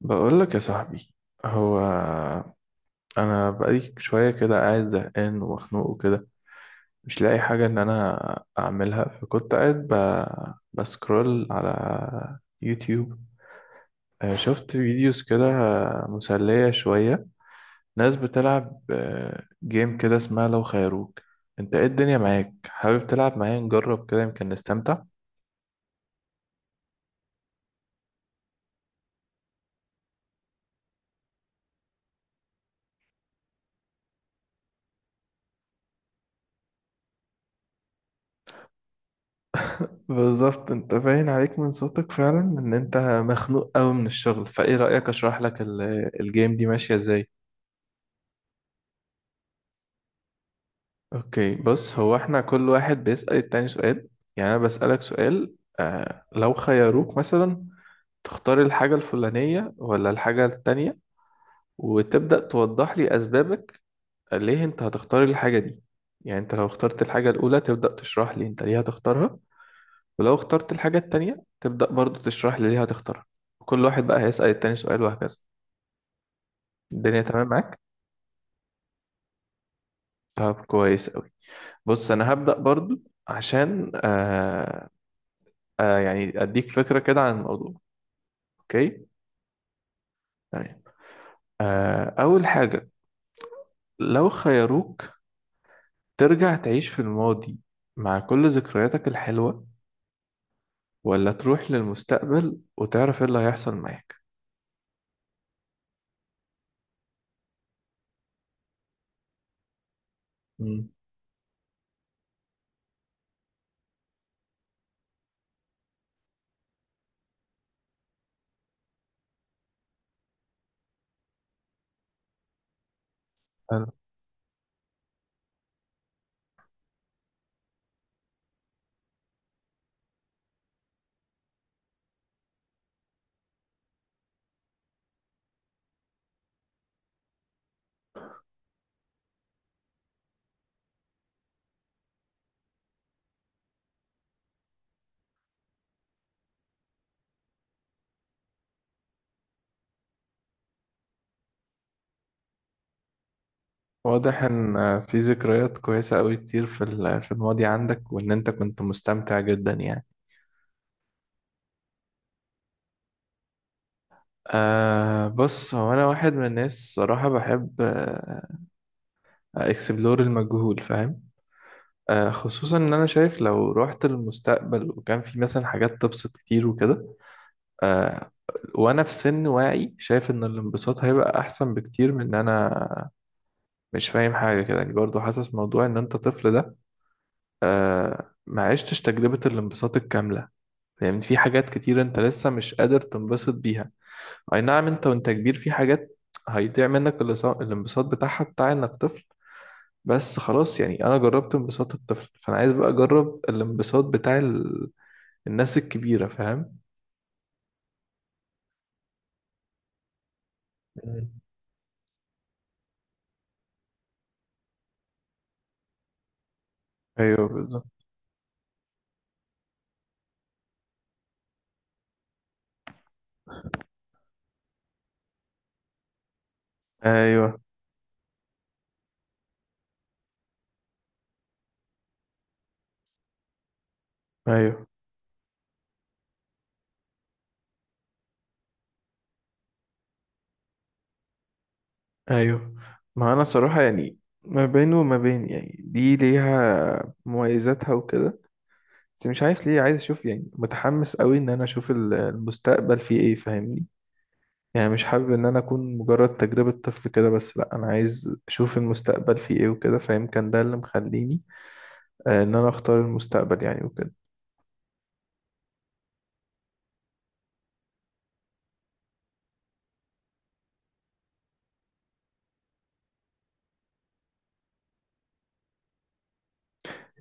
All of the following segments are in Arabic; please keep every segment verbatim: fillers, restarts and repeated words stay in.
بقول لك يا صاحبي، هو انا بقالي شويه كده قاعد زهقان ومخنوق وكده، مش لاقي حاجه ان انا اعملها، فكنت قاعد ب... بسكرول على يوتيوب. آه، شفت فيديوز كده مسليه شويه، ناس بتلعب آه، جيم كده اسمها لو خيروك. انت ايه الدنيا معاك، حابب تلعب معايا؟ نجرب كده، يمكن نستمتع. بالظبط، انت باين عليك من صوتك فعلا ان انت مخنوق قوي من الشغل. فايه رأيك اشرح لك ال- الجيم دي ماشية ازاي؟ اوكي، بص، هو احنا كل واحد بيسأل التاني سؤال. يعني انا بسألك سؤال، آه لو خيروك مثلا تختار الحاجة الفلانية ولا الحاجة التانية، وتبدأ توضح لي اسبابك ليه انت هتختار الحاجة دي. يعني انت لو اخترت الحاجة الاولى تبدأ تشرح لي انت ليه هتختارها، ولو اخترت الحاجة التانية تبدأ برضو تشرح لي ليه هتختارها. وكل واحد بقى هيسأل التاني سؤال وهكذا. الدنيا تمام معاك؟ طب كويس أوي. بص، أنا هبدأ برضو عشان آه آه يعني أديك فكرة كده عن الموضوع. أوكي؟ تمام. آه أول حاجة، لو خيروك ترجع تعيش في الماضي مع كل ذكرياتك الحلوة، ولا تروح للمستقبل وتعرف ايه اللي هيحصل معاك؟ مم. واضح ان في ذكريات كويسة قوي كتير في ال- في الماضي عندك، وان انت كنت مستمتع جدا يعني. أه بص، هو انا واحد من الناس صراحة بحب آه اكسبلور المجهول، فاهم؟ أه خصوصا ان انا شايف لو رحت للمستقبل وكان في مثلا حاجات تبسط كتير وكده. أه وانا في سن واعي شايف ان الانبساط هيبقى احسن بكتير من ان انا مش فاهم حاجة كده يعني. برضو حاسس موضوع ان انت طفل ده أه ما عشتش تجربة الانبساط الكاملة. فاهمني، في حاجات كتير انت لسه مش قادر تنبسط بيها. اي نعم، انت وانت كبير في حاجات هيضيع منك الانصا- الانبساط بتاعها بتاع انك طفل، بس خلاص يعني انا جربت انبساط الطفل، فانا عايز بقى اجرب الانبساط بتاع ال... الناس الكبيرة، فاهم؟ مم. ايوه بالظبط. ايوه، ايوه، ايوه. ما انا صراحة يعني ما بين وما بين، يعني دي ليها مميزاتها وكده، بس مش عارف ليه عايز اشوف، يعني متحمس قوي ان انا اشوف ال- المستقبل فيه ايه، فاهمني؟ يعني مش حابب ان انا اكون مجرد تجربة طفل كده بس، لا انا عايز اشوف المستقبل فيه ايه وكده، فيمكن ده اللي مخليني آه، ان انا اختار المستقبل يعني وكده.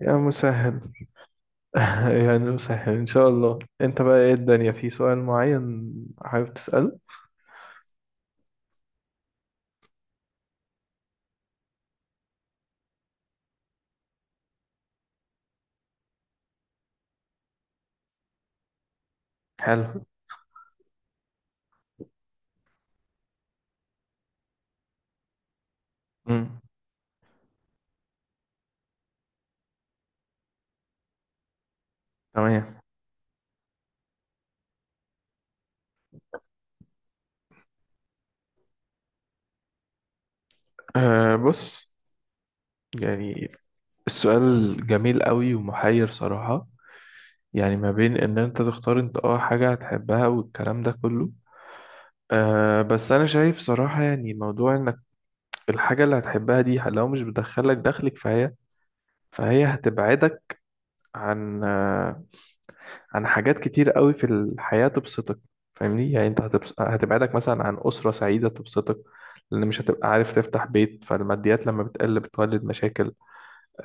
يا مسهل. يعني مسهل ان شاء الله. انت بقى ايه الدنيا، في سؤال معين حابب تسأله؟ حلو. امم. تمام. أه بص يعني السؤال جميل قوي ومحير صراحة. يعني ما بين ان انت تختار انت اه حاجة هتحبها والكلام ده كله، أه بس انا شايف صراحة يعني موضوع انك الحاجة اللي هتحبها دي لو مش بتدخلك دخلك، فهي فهي هتبعدك عن آه، عن حاجات كتير قوي في الحياة تبسطك. فاهمني؟ يعني انت هتبس... هتبعدك مثلا عن أسرة سعيدة تبسطك، لأن مش هتبقى عارف تفتح بيت، فالماديات لما بتقل بتولد مشاكل.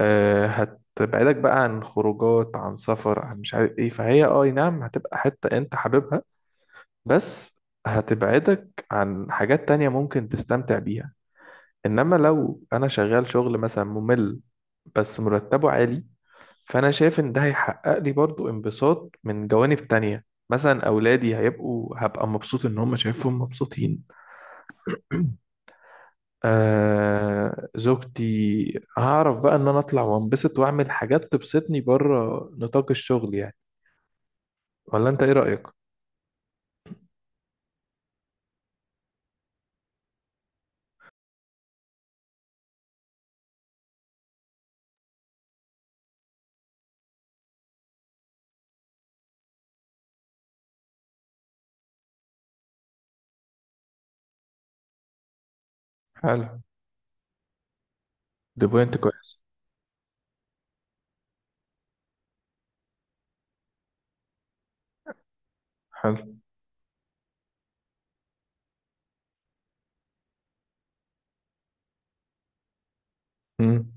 أه هتبعدك بقى عن خروجات، عن سفر، عن مش عارف ايه. فهي اه نعم هتبقى حتة انت حاببها، بس هتبعدك عن حاجات تانية ممكن تستمتع بيها. انما لو انا شغال شغل مثلا ممل بس مرتبه عالي، فانا شايف ان ده هيحقق لي برضو انبساط من جوانب تانية. مثلا اولادي هيبقوا، هبقى مبسوط ان هم شايفهم مبسوطين. آه زوجتي. هعرف بقى ان انا اطلع وانبسط واعمل حاجات تبسطني بره نطاق الشغل يعني. ولا انت ايه رأيك؟ حلو. دي بوينت كويس. حلو. امم.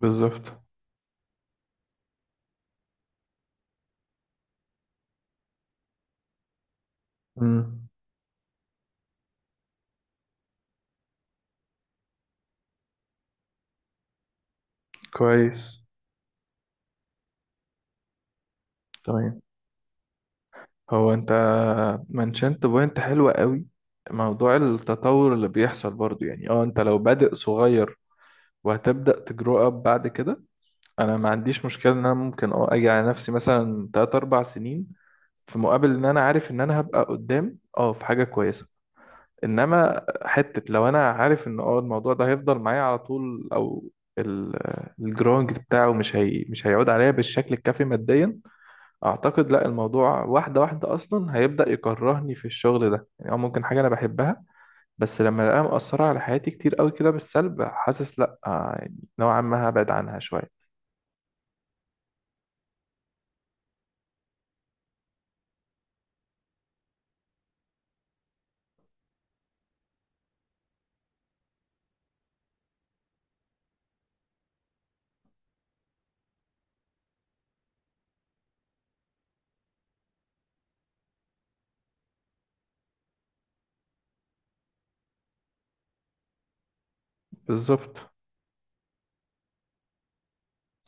بالظبط. امم. كويس. تمام. هو انت منشنت بوينت حلوة قوي، موضوع التطور اللي بيحصل برضو. يعني اه انت لو بادئ صغير وهتبدأ تجرو اب بعد كده، انا ما عنديش مشكلة ان انا ممكن اه اجي على نفسي مثلا تلاتة اربع سنين في مقابل ان انا عارف ان انا هبقى قدام اه في حاجة كويسة. انما حتة لو انا عارف ان اه الموضوع ده هيفضل معايا على طول، او الجرونج بتاعه مش هي مش هيعود عليا بالشكل الكافي ماديا، اعتقد لا. الموضوع واحده واحده اصلا هيبدا يكرهني في الشغل ده يعني. او ممكن حاجه انا بحبها بس لما الاقيها مأثره على حياتي كتير قوي كده بالسلب، حاسس لا آه، يعني نوعا ما هبعد عنها شويه. بالظبط.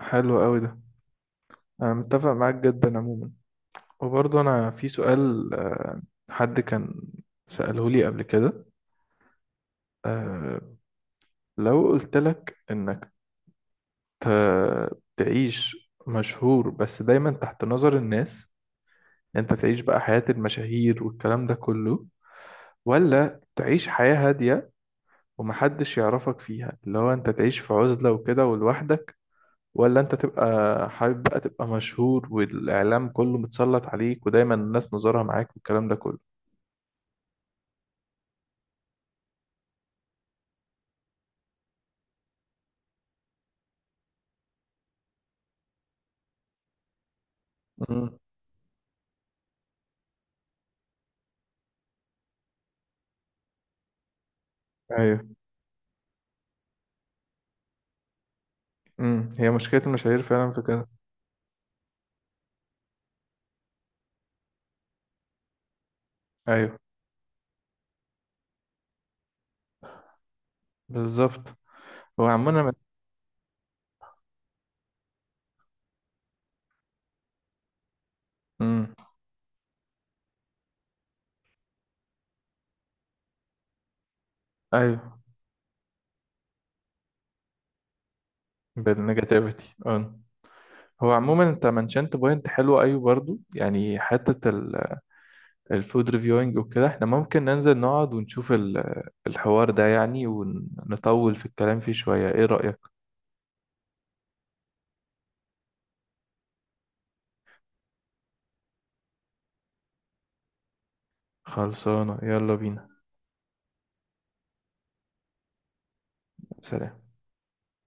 حلو قوي ده. انا متفق معاك جدا عموما. وبرضه انا في سؤال، آه، حد كان سأله لي قبل كده. آه، لو قلت لك انك ت- تعيش مشهور بس دايما تحت نظر الناس، انت تعيش بقى حياة المشاهير والكلام ده كله، ولا تعيش حياة هادية ومحدش يعرفك فيها، اللي هو انت تعيش في عزلة وكده ولوحدك؟ ولا انت تبقى حابب بقى تبقى مشهور، والإعلام كله متسلط عليك ودايما الناس نظرها معاك والكلام ده كله؟ مم. ايوه. امم، هي مشكلة المشاهير فعلا في كده. ايوه بالظبط. هو عموما من... امم. ايوه بالنيجاتيفيتي، اه. هو عموما انت منشنت بوينت حلوة. ايوه برضو يعني حتة الفود ريفيوينج وكده، احنا ممكن ننزل نقعد ونشوف ال- الحوار ده يعني ونطول في الكلام فيه شوية. ايه رأيك؟ خلصانة، يلا بينا. سلام.